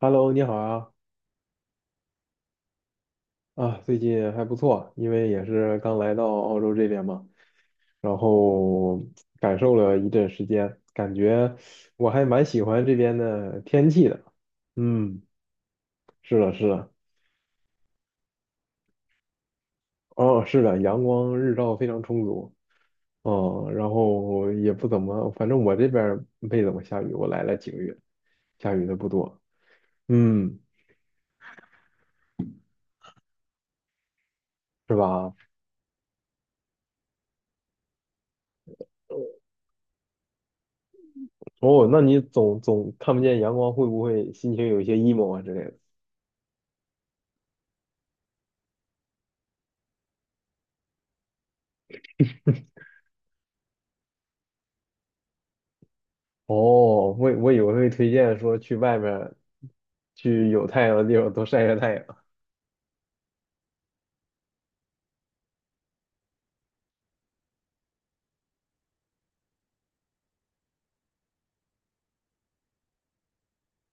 Hello，你好啊，啊，最近还不错，因为也是刚来到澳洲这边嘛，然后感受了一阵时间，感觉我还蛮喜欢这边的天气的。嗯，是的，是的。哦，是的，阳光日照非常充足。嗯，然后也不怎么，反正我这边儿没怎么下雨，我来了几个月，下雨的不多。嗯，是吧？哦，那你总看不见阳光，会不会心情有一些 emo 啊之类的？哦，我以为会推荐说去外面儿去有太阳的地方多晒晒太阳。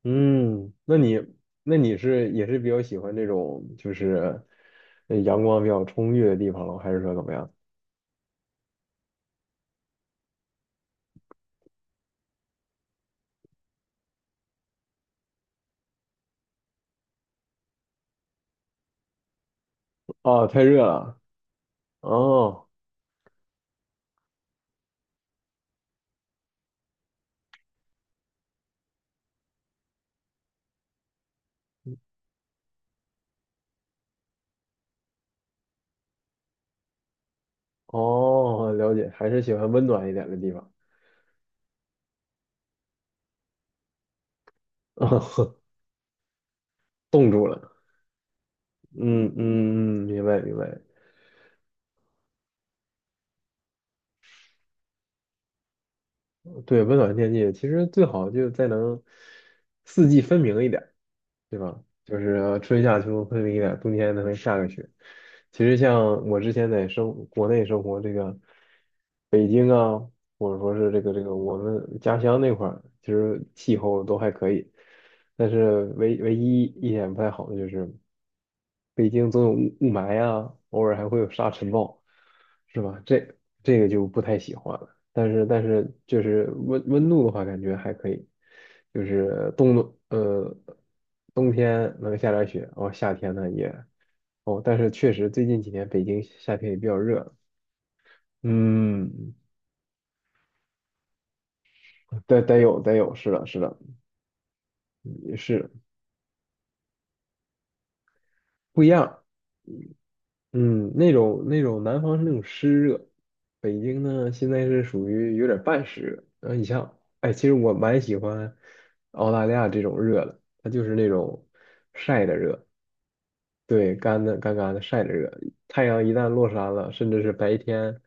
嗯，那你是也是比较喜欢这种就是阳光比较充裕的地方了，还是说怎么样？哦，太热了。哦哦，了解，还是喜欢温暖一点的地方。冻住了。嗯嗯嗯，明白明白。对，温暖天气其实最好就再能四季分明一点儿，对吧？就是春夏秋冬分明一点儿，冬天能下个雪。其实像我之前在生国内生活这个北京啊，或者说是这个我们家乡那块儿，其实气候都还可以，但是唯一一点不太好的就是北京总有雾霾啊，偶尔还会有沙尘暴，是吧？这个就不太喜欢了。但是就是温度的话，感觉还可以，就是呃冬天能下点雪，然后夏天呢也，哦，但是确实最近几年北京夏天也比较热。嗯，得有，是的是的。嗯，也是不一样。嗯，那种，南方是那种湿热，北京呢现在是属于有点半湿热。然后你像，哎，其实我蛮喜欢澳大利亚这种热的，它就是那种晒的热。对，干干的晒的热，太阳一旦落山了，甚至是白天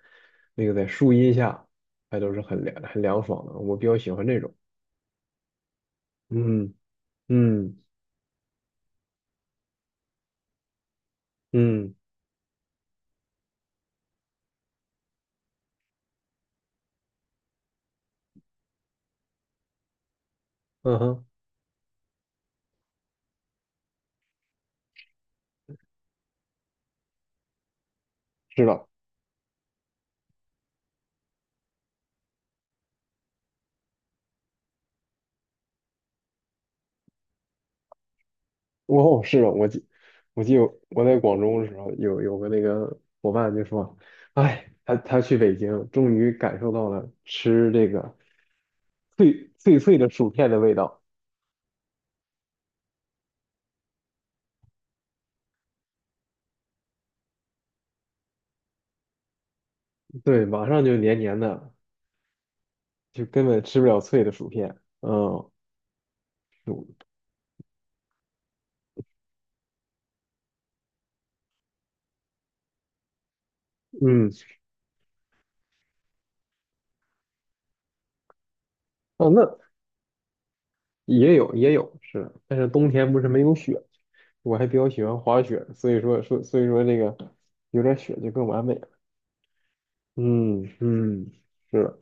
那个在树荫下，还都是很凉爽的。我比较喜欢这种。嗯嗯嗯，嗯哼，知道。哦，是的，我记得我在广州的时候，有个那个伙伴就说，哎，他去北京，终于感受到了吃这个脆的薯片的味道。对，马上就黏黏的，就根本吃不了脆的薯片。嗯，嗯。哦，那也有也有是的，但是冬天不是没有雪，我还比较喜欢滑雪，所以说那个有点雪就更完美了。嗯嗯，是的，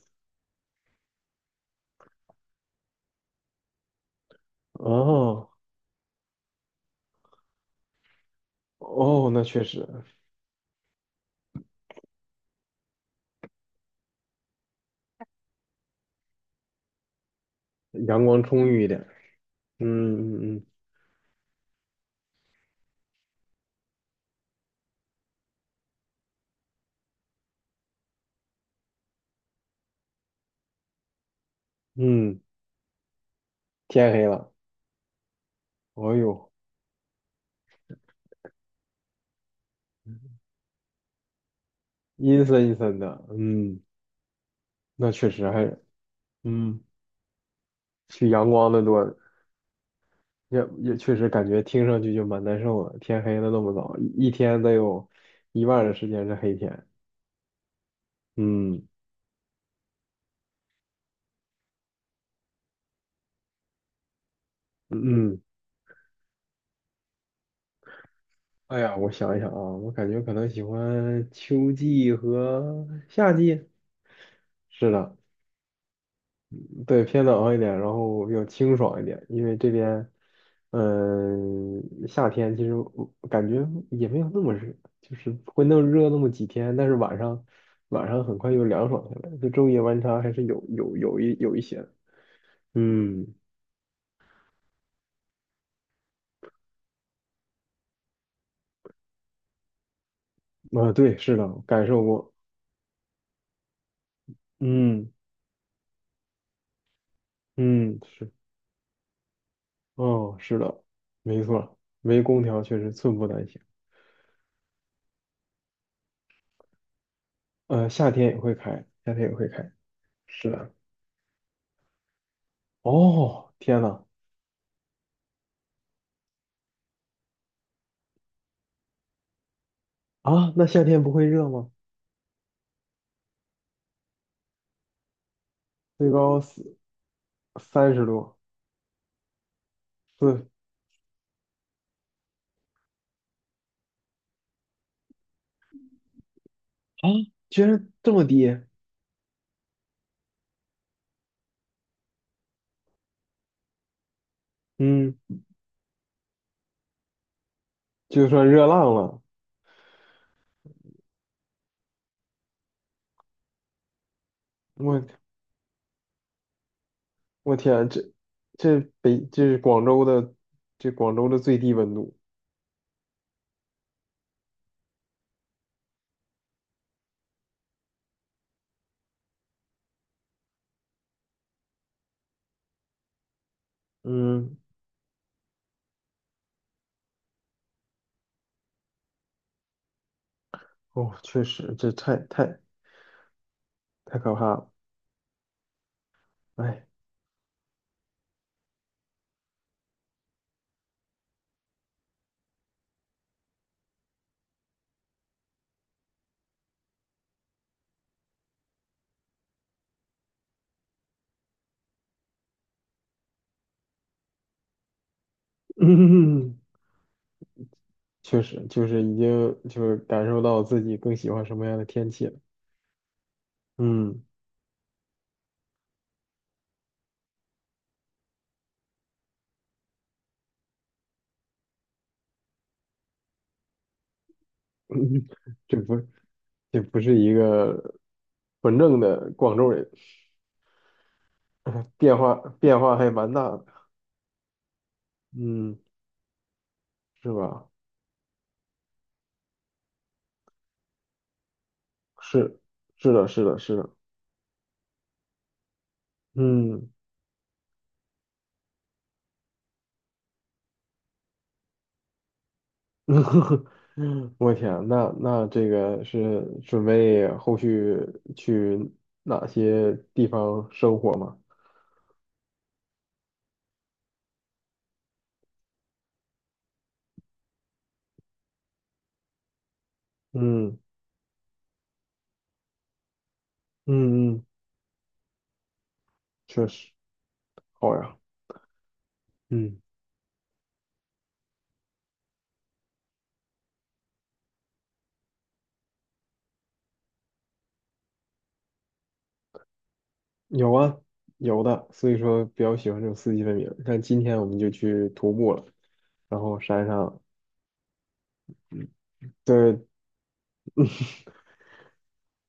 哦。哦，那确实，阳光充裕一点。嗯嗯嗯嗯，天黑了，哎呦，阴森阴森的。嗯，那确实还，嗯，去阳光的多。也也确实感觉听上去就蛮难受的。天黑了那么早，一天得有一半的时间是黑天。嗯嗯，嗯，哎呀，我想一想啊，我感觉可能喜欢秋季和夏季。是的。对，偏冷一点，然后比较清爽一点，因为这边，嗯、夏天其实我感觉也没有那么热，就是会那么热那么几天，但是晚上很快又凉爽下来，就昼夜温差还是有一些的。嗯，啊，对，是的，感受过。嗯嗯，是。哦，是的，没错，没空调确实寸步难行。呃，夏天也会开。是的。哦，天呐。啊，那夏天不会热吗？最高三三十度，四，啊，居然这么低！嗯，就算热浪了。我我天啊，这是广州的，这广州的最低温度。嗯，哦，确实，这太太可怕了。哎，嗯，确实就是已经就是感受到自己更喜欢什么样的天气了。嗯，嗯，这不这不是一个纯正的广州人。变化变化还蛮大的。嗯，是吧？是，是的，是的，是的。嗯，我天啊，那这个是准备后续去哪些地方生活吗？嗯嗯嗯，确实好呀。嗯，有啊，有的，所以说比较喜欢这种四季分明。像今天我们就去徒步了，然后山上，对，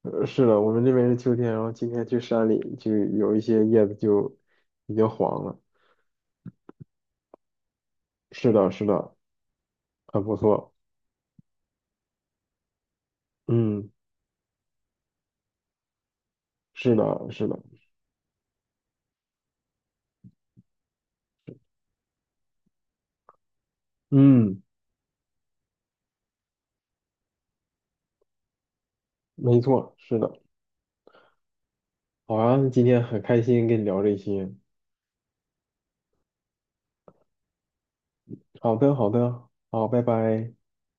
呃，是的，我们这边是秋天，然后今天去山里就有一些叶子就已经黄了。是的，是的，很不错。嗯，是的，是的。嗯，没错，是的。好啊，今天很开心跟你聊这些。好的，好的，好，拜拜。